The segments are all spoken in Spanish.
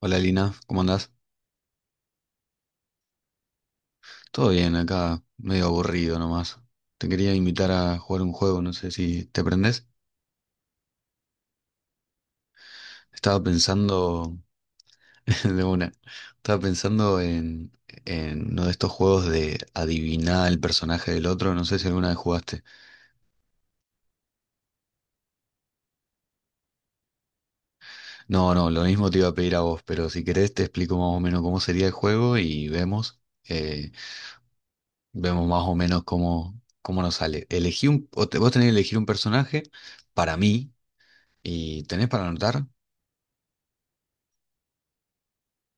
Hola Lina, ¿cómo andás? Todo bien, acá medio aburrido nomás. Te quería invitar a jugar un juego, no sé si te prendés. Estaba pensando de una. Estaba pensando en uno de estos juegos de adivinar el personaje del otro, no sé si alguna vez jugaste. No, no, lo mismo te iba a pedir a vos, pero si querés te explico más o menos cómo sería el juego y vemos, eh, vemos más o menos cómo nos sale. Elegí un, o te- vos tenés que elegir un personaje para mí y tenés para anotar.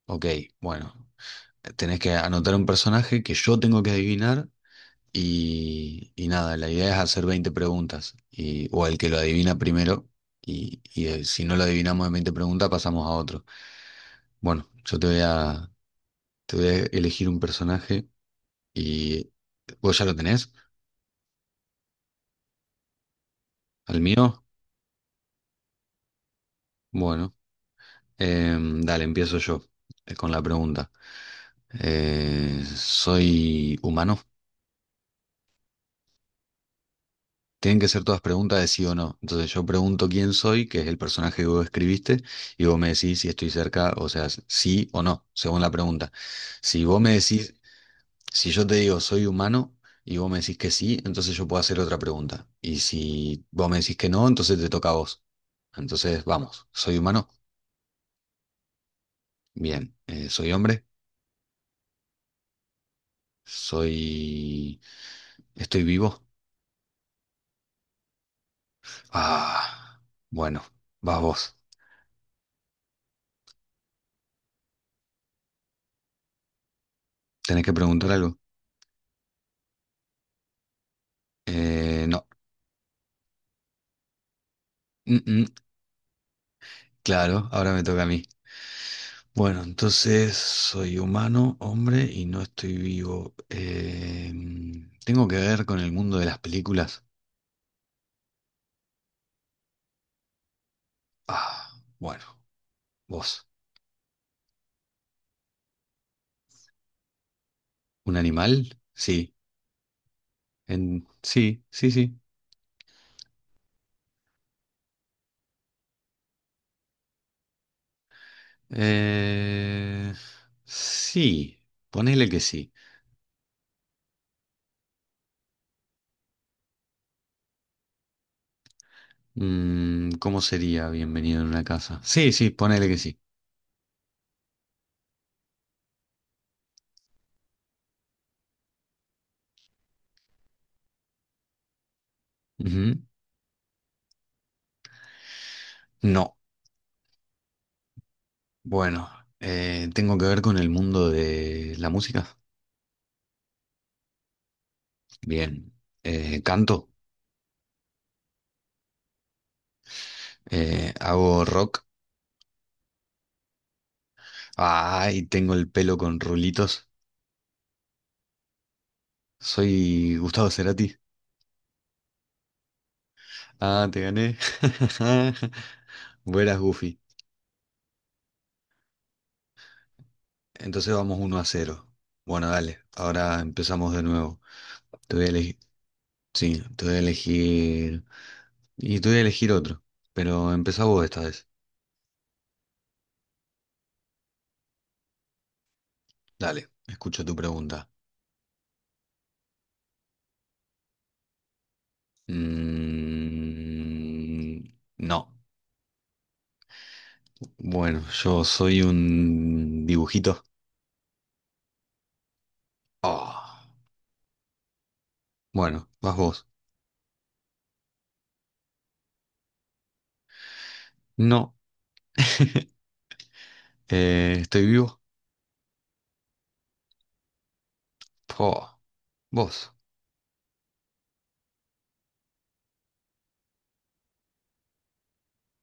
Ok, bueno, tenés que anotar un personaje que yo tengo que adivinar y nada, la idea es hacer 20 preguntas o el que lo adivina primero y si no lo adivinamos en 20 preguntas pasamos a otro. Bueno, yo te voy a elegir un personaje y vos ya lo tenés, al mío. Bueno, dale, empiezo yo con la pregunta. ¿Soy humano? Tienen que ser todas preguntas de sí o no. Entonces yo pregunto quién soy, que es el personaje que vos escribiste, y vos me decís si estoy cerca, o sea, sí o no, según la pregunta. Si vos me decís, si yo te digo soy humano y vos me decís que sí, entonces yo puedo hacer otra pregunta. Y si vos me decís que no, entonces te toca a vos. Entonces, vamos, soy humano. Bien. Soy hombre, soy... estoy vivo. Ah, bueno, vas vos. Tenés que preguntar algo. No. Mm, mm. Claro, ahora me toca a mí. Bueno, entonces soy humano, hombre, y no estoy vivo. ¿Tengo que ver con el mundo de las películas? Ah, bueno, vos. ¿Un animal? Sí. Sí, sí, sí. Eh, sí, ponele que sí. ¿Cómo sería bienvenido en una casa? Sí, sí, ponele que sí. Ujú. No. Bueno, ¿tengo que ver con el mundo de la música? Bien. Canto, hago rock. Ay, tengo el pelo con rulitos. Soy Gustavo Cerati. Ah, te gané. Buenas, Goofy. Entonces vamos 1-0. Bueno, dale, ahora empezamos de nuevo. Te voy a elegir. Sí, te voy a elegir. Y te voy a elegir otro. Pero empezá vos esta vez. Dale, escucho tu pregunta. Mm, no. Bueno, yo soy un dibujito. Ah, bueno, vas vos. No, estoy vivo. Oh, vos.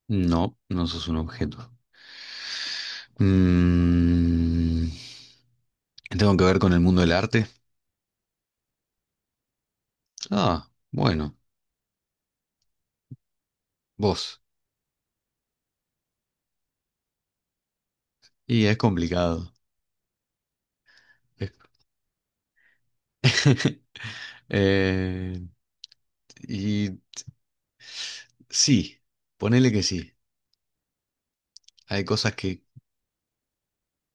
No, no sos un objeto. Mm, ¿Tengo que ver con el mundo del arte? Ah, bueno, vos. Y es complicado. Es- Eh, y sí, ponele que sí. Hay cosas que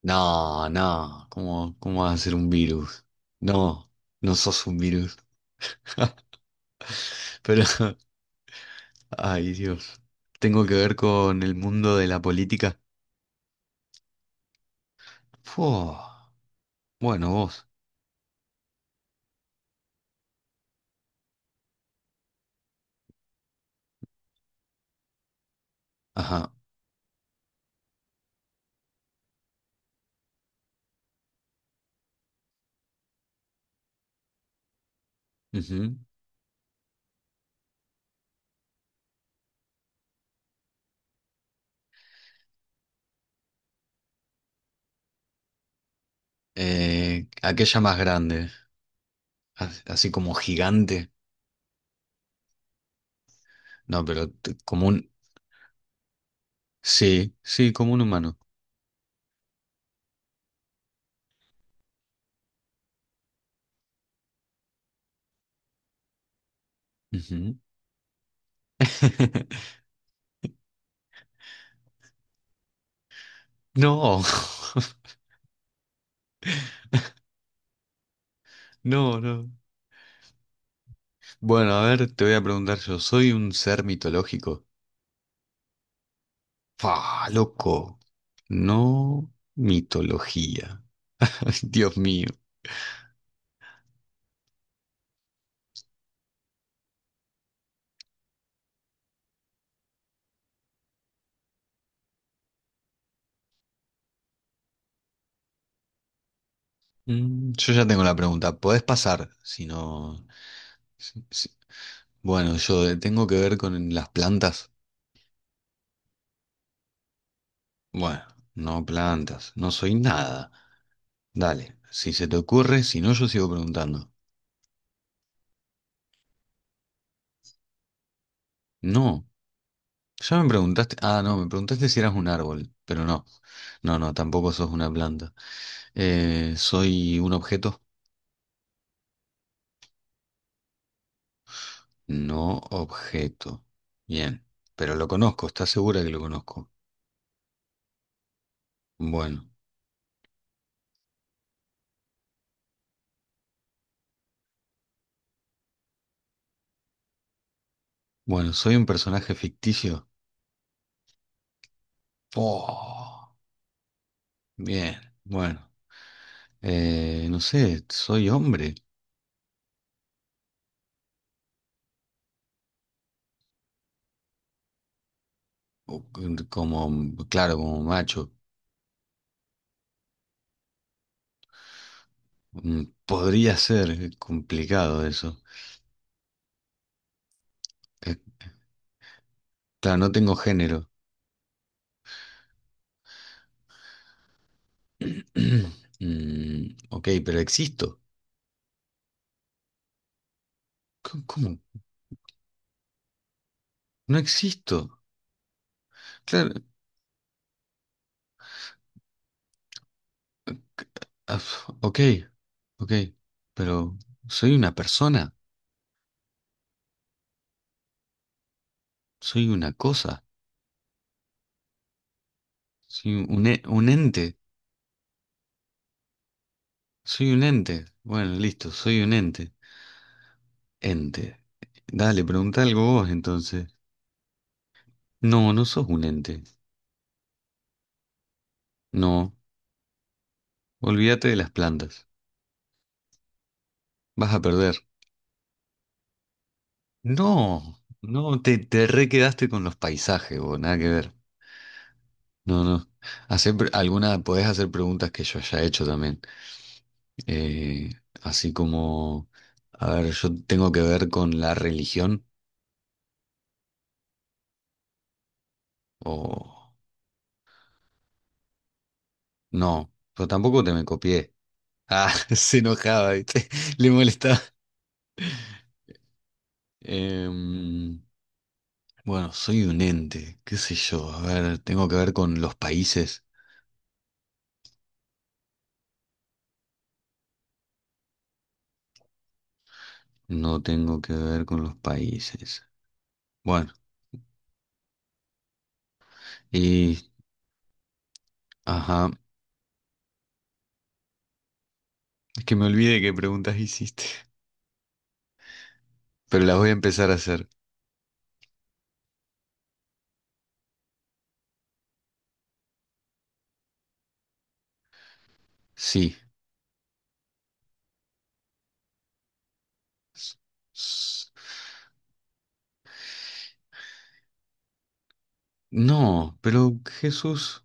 No, no, ¿cómo vas a ser un virus. No, no sos un virus. Pero, ay Dios, tengo que ver con el mundo de la política. Fu. Bueno, vos. Ajá. Ujú. Aquella más grande, así como gigante. No, pero como un... Sí, sí, como un humano. Ujú. No, no, no. Bueno, a ver, te voy a preguntar yo, ¿soy un ser mitológico? ¡Fa, loco! No mitología. Ay, Dios mío. Yo ya tengo la pregunta. ¿Podés pasar si no...? Si- si- Bueno, tengo que ver con las plantas. Bueno, no plantas. No soy nada. Dale, si se te ocurre, si no, yo sigo preguntando. No, ya me preguntaste... Ah, no, me preguntaste si eras un árbol, pero no. No, no, tampoco sos una planta. ¿Soy un objeto? No objeto. Bien, pero lo conozco, ¿estás segura que lo conozco? Bueno, bueno, soy un personaje ficticio. Oh, bien, bueno, no sé, soy hombre, o claro, como macho. Podría ser, complicado eso. Eh, claro, no tengo género. Ok, pero existo. ¿Cómo? No existo. Claro, c- ah, ok, Ok, pero soy una persona, soy una cosa, un ente, soy un ente. Bueno, listo, soy un ente. Ente. Dale, pregunta algo vos entonces. No, no sos un ente. No, olvídate de las plantas. Vas a perder. No, no, te re quedaste con los paisajes, vos, nada que ver. No, no. Podés hacer preguntas que yo haya hecho también. Eh, Así como, a ver, yo tengo que ver con la religión. O No, pero tampoco te me copié. Ah, se enojaba, ¿viste? Le molestaba. Em, bueno, soy un ente, qué sé yo. A ver, tengo que ver con los países. No tengo que ver con los países. Bueno, y... Ajá, es que me olvidé qué preguntas hiciste. Pero las voy a empezar a hacer. Sí. S- s- No, pero Jesús...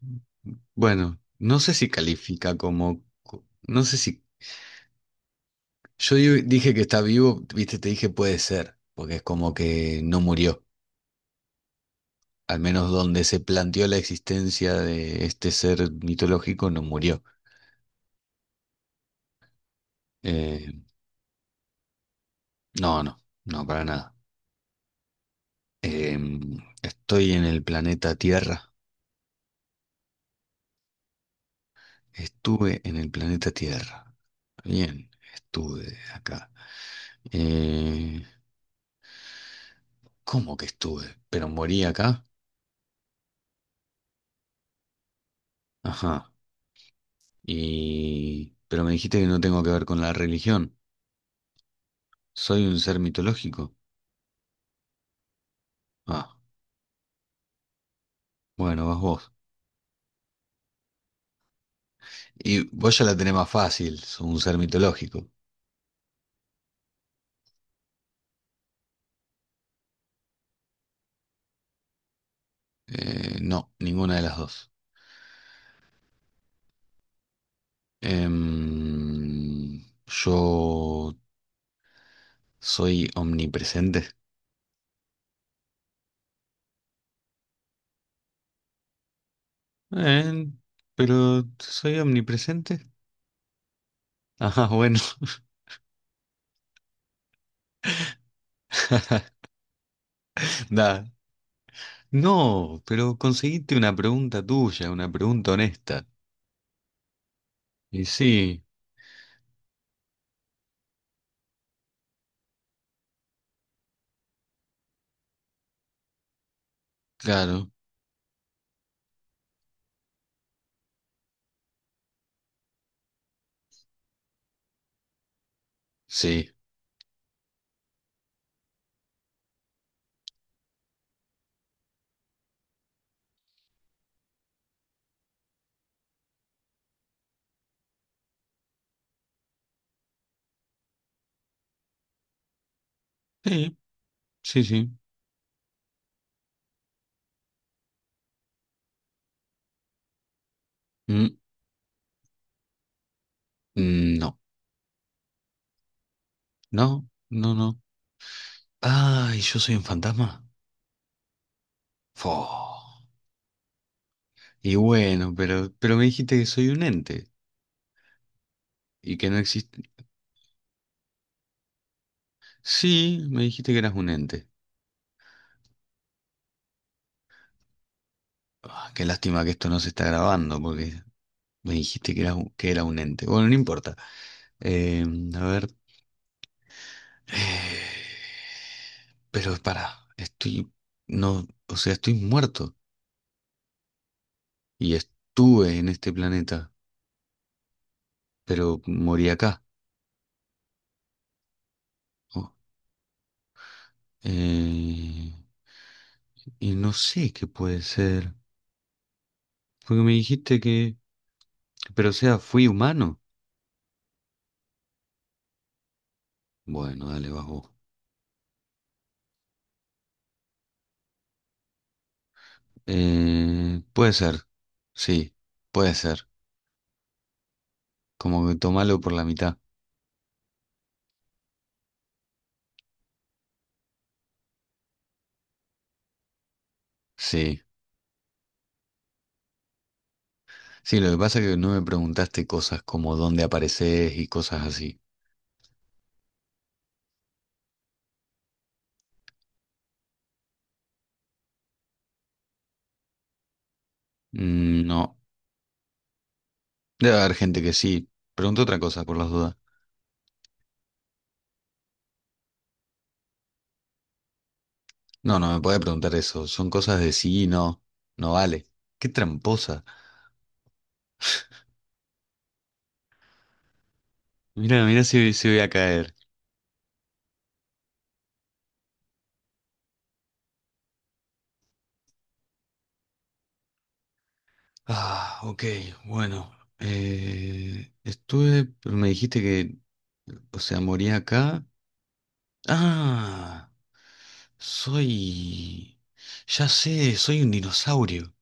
Bueno, no sé si califica como... No sé si... Yo dije que está vivo, viste, te dije puede ser, porque es como que no murió. Al menos donde se planteó la existencia de este ser mitológico, no murió. Eh, no, no, no, para nada. Eh, Estoy en el planeta Tierra. Estuve en el planeta Tierra. Bien, estuve acá. Eh, ¿Cómo que estuve? ¿Pero morí acá? Ajá. Y... Pero me dijiste que no tengo que ver con la religión. ¿Soy un ser mitológico? Ah, bueno, vas vos. Y vos ya la tenés más fácil, sos un ser mitológico. No, ninguna de las dos. Yo soy omnipresente. Eh, pero soy omnipresente. Ajá, bueno. Da. No, pero conseguiste una pregunta tuya, una pregunta honesta. Y sí, claro, sí. Sí, sí, sí. Mm, mm, no, no, no, no. Ay, yo soy un fantasma. Fo. Y bueno, pero me dijiste que soy un ente y que no existe. Sí, me dijiste que eras un ente. Ah, qué lástima que esto no se está grabando porque me dijiste que eras que era un ente. Bueno, no importa. Eh, a ver. Eh, Pero para, estoy. No, o sea, estoy muerto y estuve en este planeta, pero morí acá. Oh, eh, y no sé qué puede ser. Porque me dijiste que. Pero o sea, fui humano. Bueno, dale, vas vos. Puede ser, sí, puede ser. Como que tomalo por la mitad. Sí, sí, lo que pasa es que no me preguntaste cosas como dónde apareces y cosas así. No, debe haber gente que sí. Pregunta otra cosa por las dudas. No, no me puede preguntar eso. Son cosas de sí y no. No vale. Qué tramposa. Mira, mira si voy a caer. Ah, ok, bueno. Estuve, pero me dijiste que, o sea, moría acá. Ah, soy... Ya sé, soy un dinosaurio.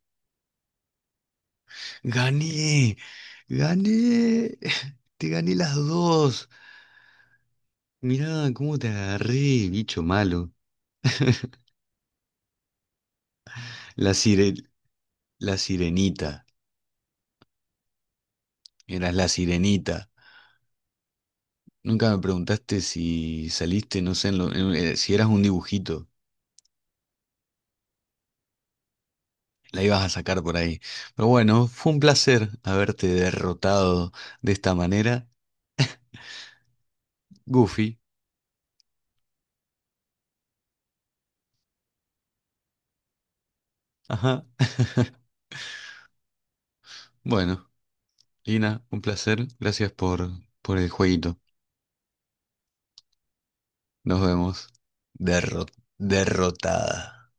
Gané, gané. Te gané las dos. Mirá cómo te agarré, bicho malo. La sire... la sirenita. Eras la sirenita. Nunca me preguntaste si saliste, no sé, si eras un dibujito. La ibas a sacar por ahí. Pero bueno, fue un placer haberte derrotado de esta manera. Goofy. Ajá. Bueno. Lina, un placer. Gracias por el jueguito. Nos vemos. Derro- Derrotada.